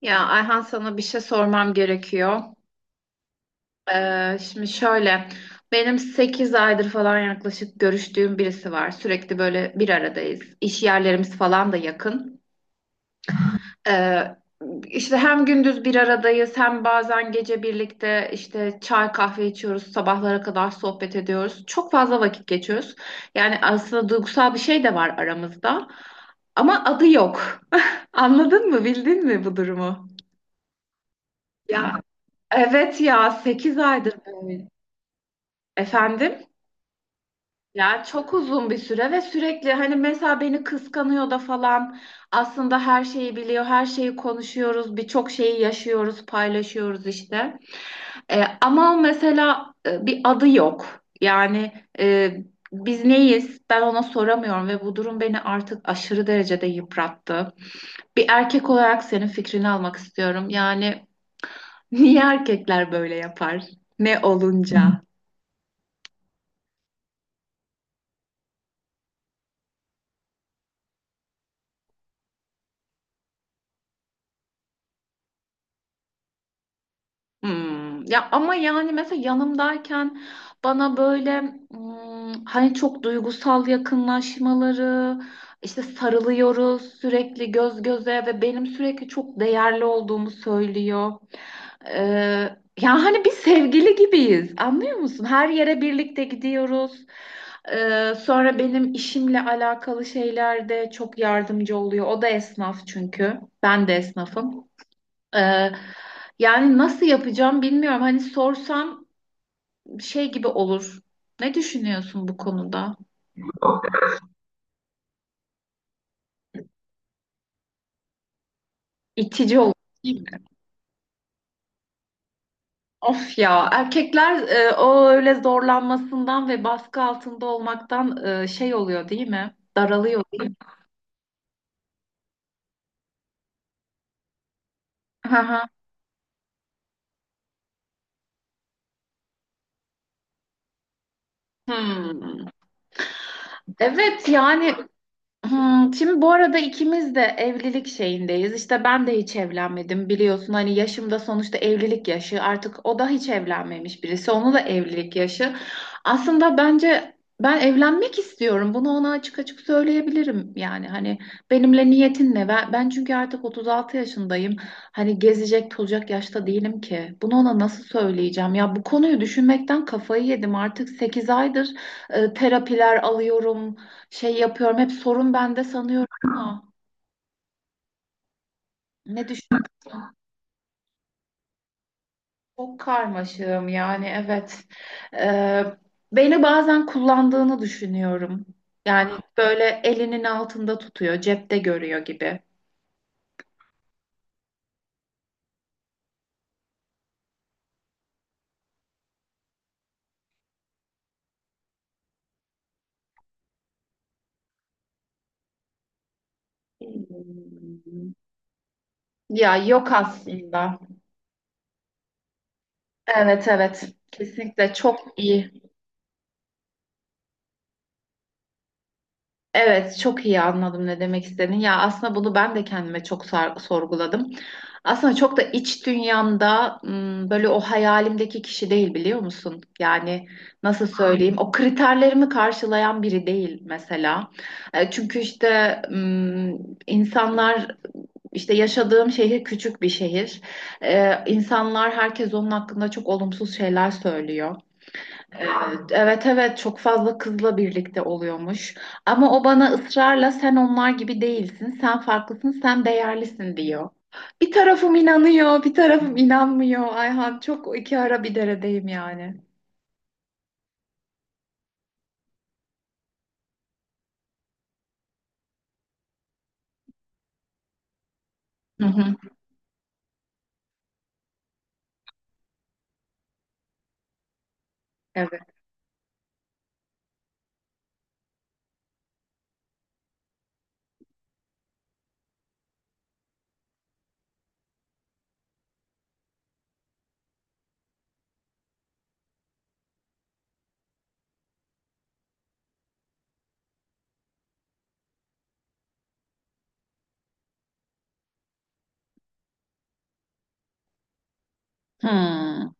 Ayhan sana bir şey sormam gerekiyor. Şimdi şöyle, benim 8 aydır falan yaklaşık görüştüğüm birisi var. Sürekli böyle bir aradayız. İş yerlerimiz falan da yakın. Ee, işte hem gündüz bir aradayız hem bazen gece birlikte işte çay kahve içiyoruz. Sabahlara kadar sohbet ediyoruz. Çok fazla vakit geçiyoruz. Yani aslında duygusal bir şey de var aramızda. Ama adı yok. Anladın mı? Bildin mi bu durumu? Ya Evet ya 8 aydır böyle. Efendim? Ya çok uzun bir süre ve sürekli hani mesela beni kıskanıyor da falan aslında her şeyi biliyor, her şeyi konuşuyoruz, birçok şeyi yaşıyoruz, paylaşıyoruz işte. Ama mesela bir adı yok. Yani e, biz neyiz? Ben ona soramıyorum ve bu durum beni artık aşırı derecede yıprattı. Bir erkek olarak senin fikrini almak istiyorum. Yani niye erkekler böyle yapar? Ne olunca? Ya ama yani mesela yanımdayken bana böyle hani çok duygusal yakınlaşmaları işte sarılıyoruz sürekli göz göze ve benim sürekli çok değerli olduğumu söylüyor. Ee, Ya hani bir sevgili gibiyiz anlıyor musun? Her yere birlikte gidiyoruz. Sonra benim işimle alakalı şeylerde çok yardımcı oluyor. O da esnaf çünkü. Ben de esnafım. Ee, Yani nasıl yapacağım bilmiyorum. Hani sorsam şey gibi olur. Ne düşünüyorsun bu konuda? İtici olur değil mi? Of ya erkekler o öyle zorlanmasından ve baskı altında olmaktan şey oluyor değil mi? Daralıyor değil mi? Hı hı. Hmm. Evet yani. Şimdi bu arada ikimiz de evlilik şeyindeyiz. İşte ben de hiç evlenmedim biliyorsun. Hani yaşımda sonuçta evlilik yaşı. Artık o da hiç evlenmemiş birisi. Onu da evlilik yaşı. Aslında bence ben evlenmek istiyorum. Bunu ona açık açık söyleyebilirim. Yani hani benimle niyetin ne? Ben çünkü artık 36 yaşındayım. Hani gezecek tozacak yaşta değilim ki. Bunu ona nasıl söyleyeceğim? Ya bu konuyu düşünmekten kafayı yedim. Artık 8 aydır terapiler alıyorum. Şey yapıyorum hep sorun bende sanıyorum ama ne düşünüyorum çok karmaşığım yani evet. Ee, Beni bazen kullandığını düşünüyorum. Yani böyle elinin altında tutuyor, cepte görüyor gibi. Hmm. Ya yok aslında. Evet evet, kesinlikle çok iyi. Evet, çok iyi anladım ne demek istediğini. Ya aslında bunu ben de kendime çok sorguladım. Aslında çok da iç dünyamda böyle o hayalimdeki kişi değil biliyor musun? Yani nasıl söyleyeyim? O kriterlerimi karşılayan biri değil mesela. Çünkü işte insanlar işte yaşadığım şehir küçük bir şehir. İnsanlar herkes onun hakkında çok olumsuz şeyler söylüyor. Ee, Evet evet, çok fazla kızla birlikte oluyormuş. Ama o bana ısrarla sen onlar gibi değilsin, sen farklısın, sen değerlisin diyor. Bir tarafım inanıyor, bir tarafım inanmıyor. Ayhan çok iki ara bir deredeyim yani. Hı hı. Evet. Hmm.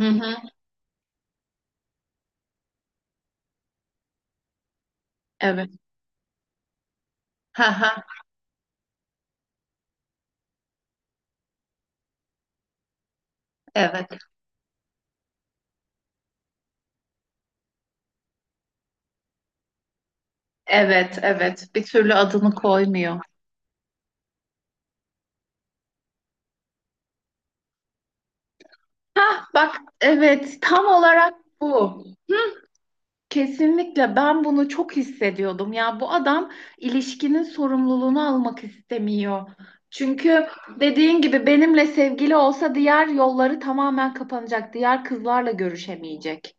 Hı hı. Evet. Ha ha. Evet. Evet, evet. Bir türlü adını koymuyor. Ha bak, evet, tam olarak bu. Kesinlikle ben bunu çok hissediyordum. Ya bu adam ilişkinin sorumluluğunu almak istemiyor. Çünkü dediğin gibi benimle sevgili olsa diğer yolları tamamen kapanacak. Diğer kızlarla görüşemeyecek.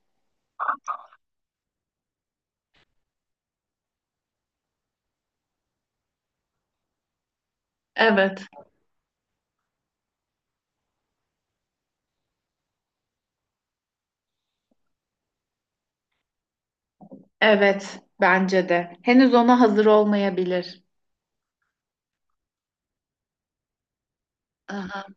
Evet. Evet, bence de. Henüz ona hazır olmayabilir. Aha.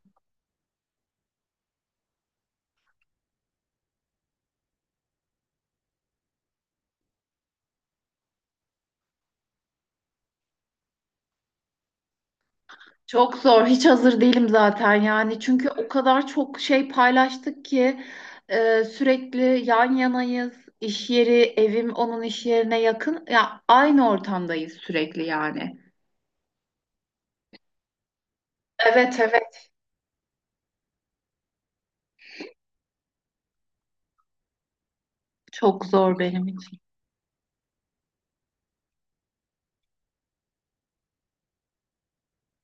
Çok zor. Hiç hazır değilim zaten yani. Çünkü o kadar çok şey paylaştık ki sürekli yan yanayız. İş yeri, evim onun iş yerine yakın. Ya aynı ortamdayız sürekli yani. Evet evet. Çok zor benim için.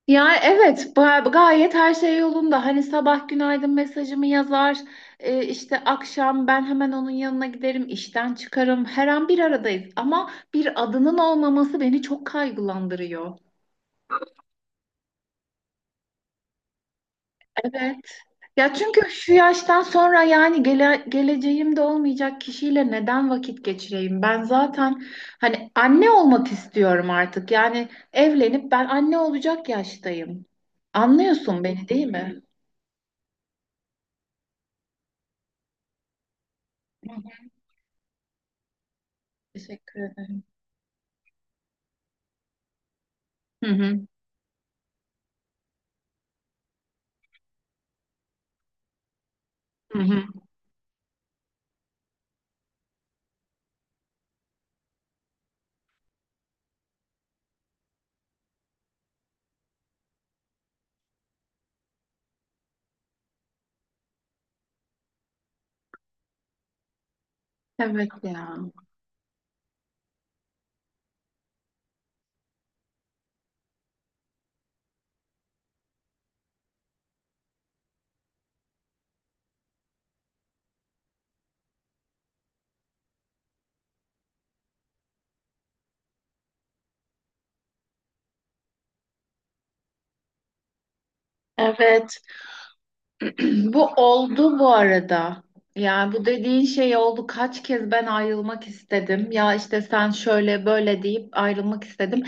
Yani evet, gayet her şey yolunda. Hani sabah günaydın mesajımı yazar. İşte akşam ben hemen onun yanına giderim. İşten çıkarım. Her an bir aradayız. Ama bir adının olmaması beni çok kaygılandırıyor. Evet. Ya çünkü şu yaştan sonra yani geleceğimde olmayacak kişiyle neden vakit geçireyim? Ben zaten hani anne olmak istiyorum artık. Yani evlenip ben anne olacak yaştayım. Anlıyorsun beni değil mi? Teşekkür ederim. Hı hı. Hı hı. Evet ya. Evet. Bu oldu bu arada. Yani bu dediğin şey oldu. Kaç kez ben ayrılmak istedim. Ya işte sen şöyle böyle deyip ayrılmak istedim.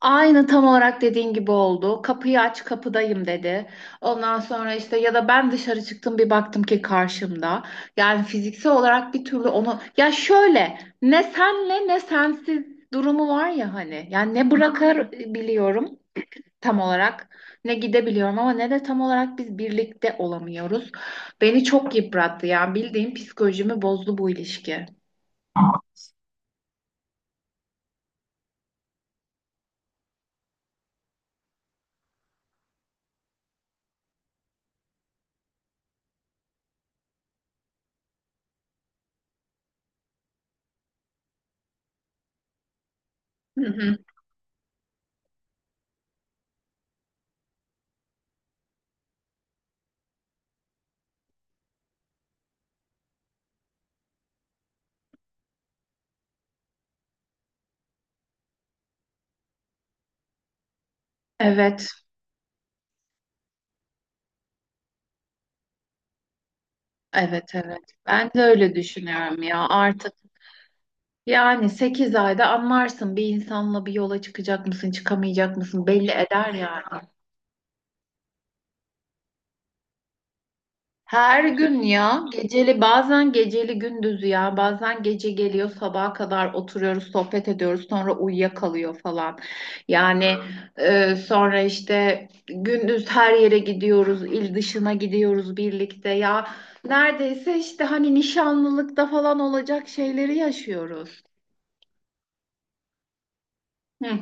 Aynı tam olarak dediğin gibi oldu. Kapıyı aç kapıdayım dedi. Ondan sonra işte ya da ben dışarı çıktım bir baktım ki karşımda. Yani fiziksel olarak bir türlü onu ya şöyle, ne senle ne sensiz durumu var ya hani. Yani ne bırakabiliyorum tam olarak, ne gidebiliyorum ama ne de tam olarak biz birlikte olamıyoruz. Beni çok yıprattı ya. Bildiğim psikolojimi bozdu bu ilişki. Hı hı. Evet, evet, evet. Ben de öyle düşünüyorum ya artık. Yani 8 ayda anlarsın bir insanla bir yola çıkacak mısın, çıkamayacak mısın belli eder yani. Her gün ya geceli, bazen geceli gündüzü, ya bazen gece geliyor sabaha kadar oturuyoruz sohbet ediyoruz sonra uyuyakalıyor falan. Yani sonra işte gündüz her yere gidiyoruz, il dışına gidiyoruz birlikte ya, neredeyse işte hani nişanlılıkta falan olacak şeyleri yaşıyoruz. Hı,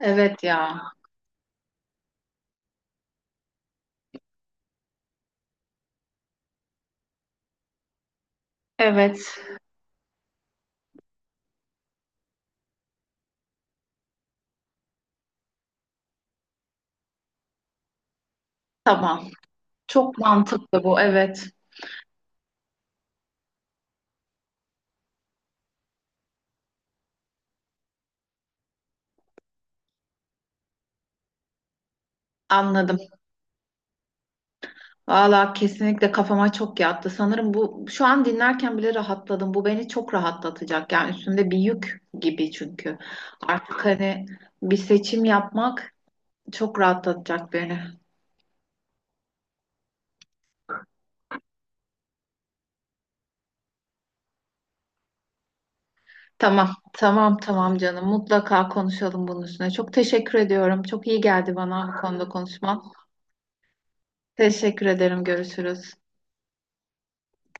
evet ya, evet, tamam, çok mantıklı bu, evet, anladım. Valla kesinlikle kafama çok yattı. Sanırım bu şu an dinlerken bile rahatladım. Bu beni çok rahatlatacak. Yani üstümde bir yük gibi çünkü. Artık hani bir seçim yapmak çok rahatlatacak beni. Tamam, tamam, tamam canım. Mutlaka konuşalım bunun üstüne. Çok teşekkür ediyorum. Çok iyi geldi bana bu konuda konuşman. Teşekkür ederim. Görüşürüz.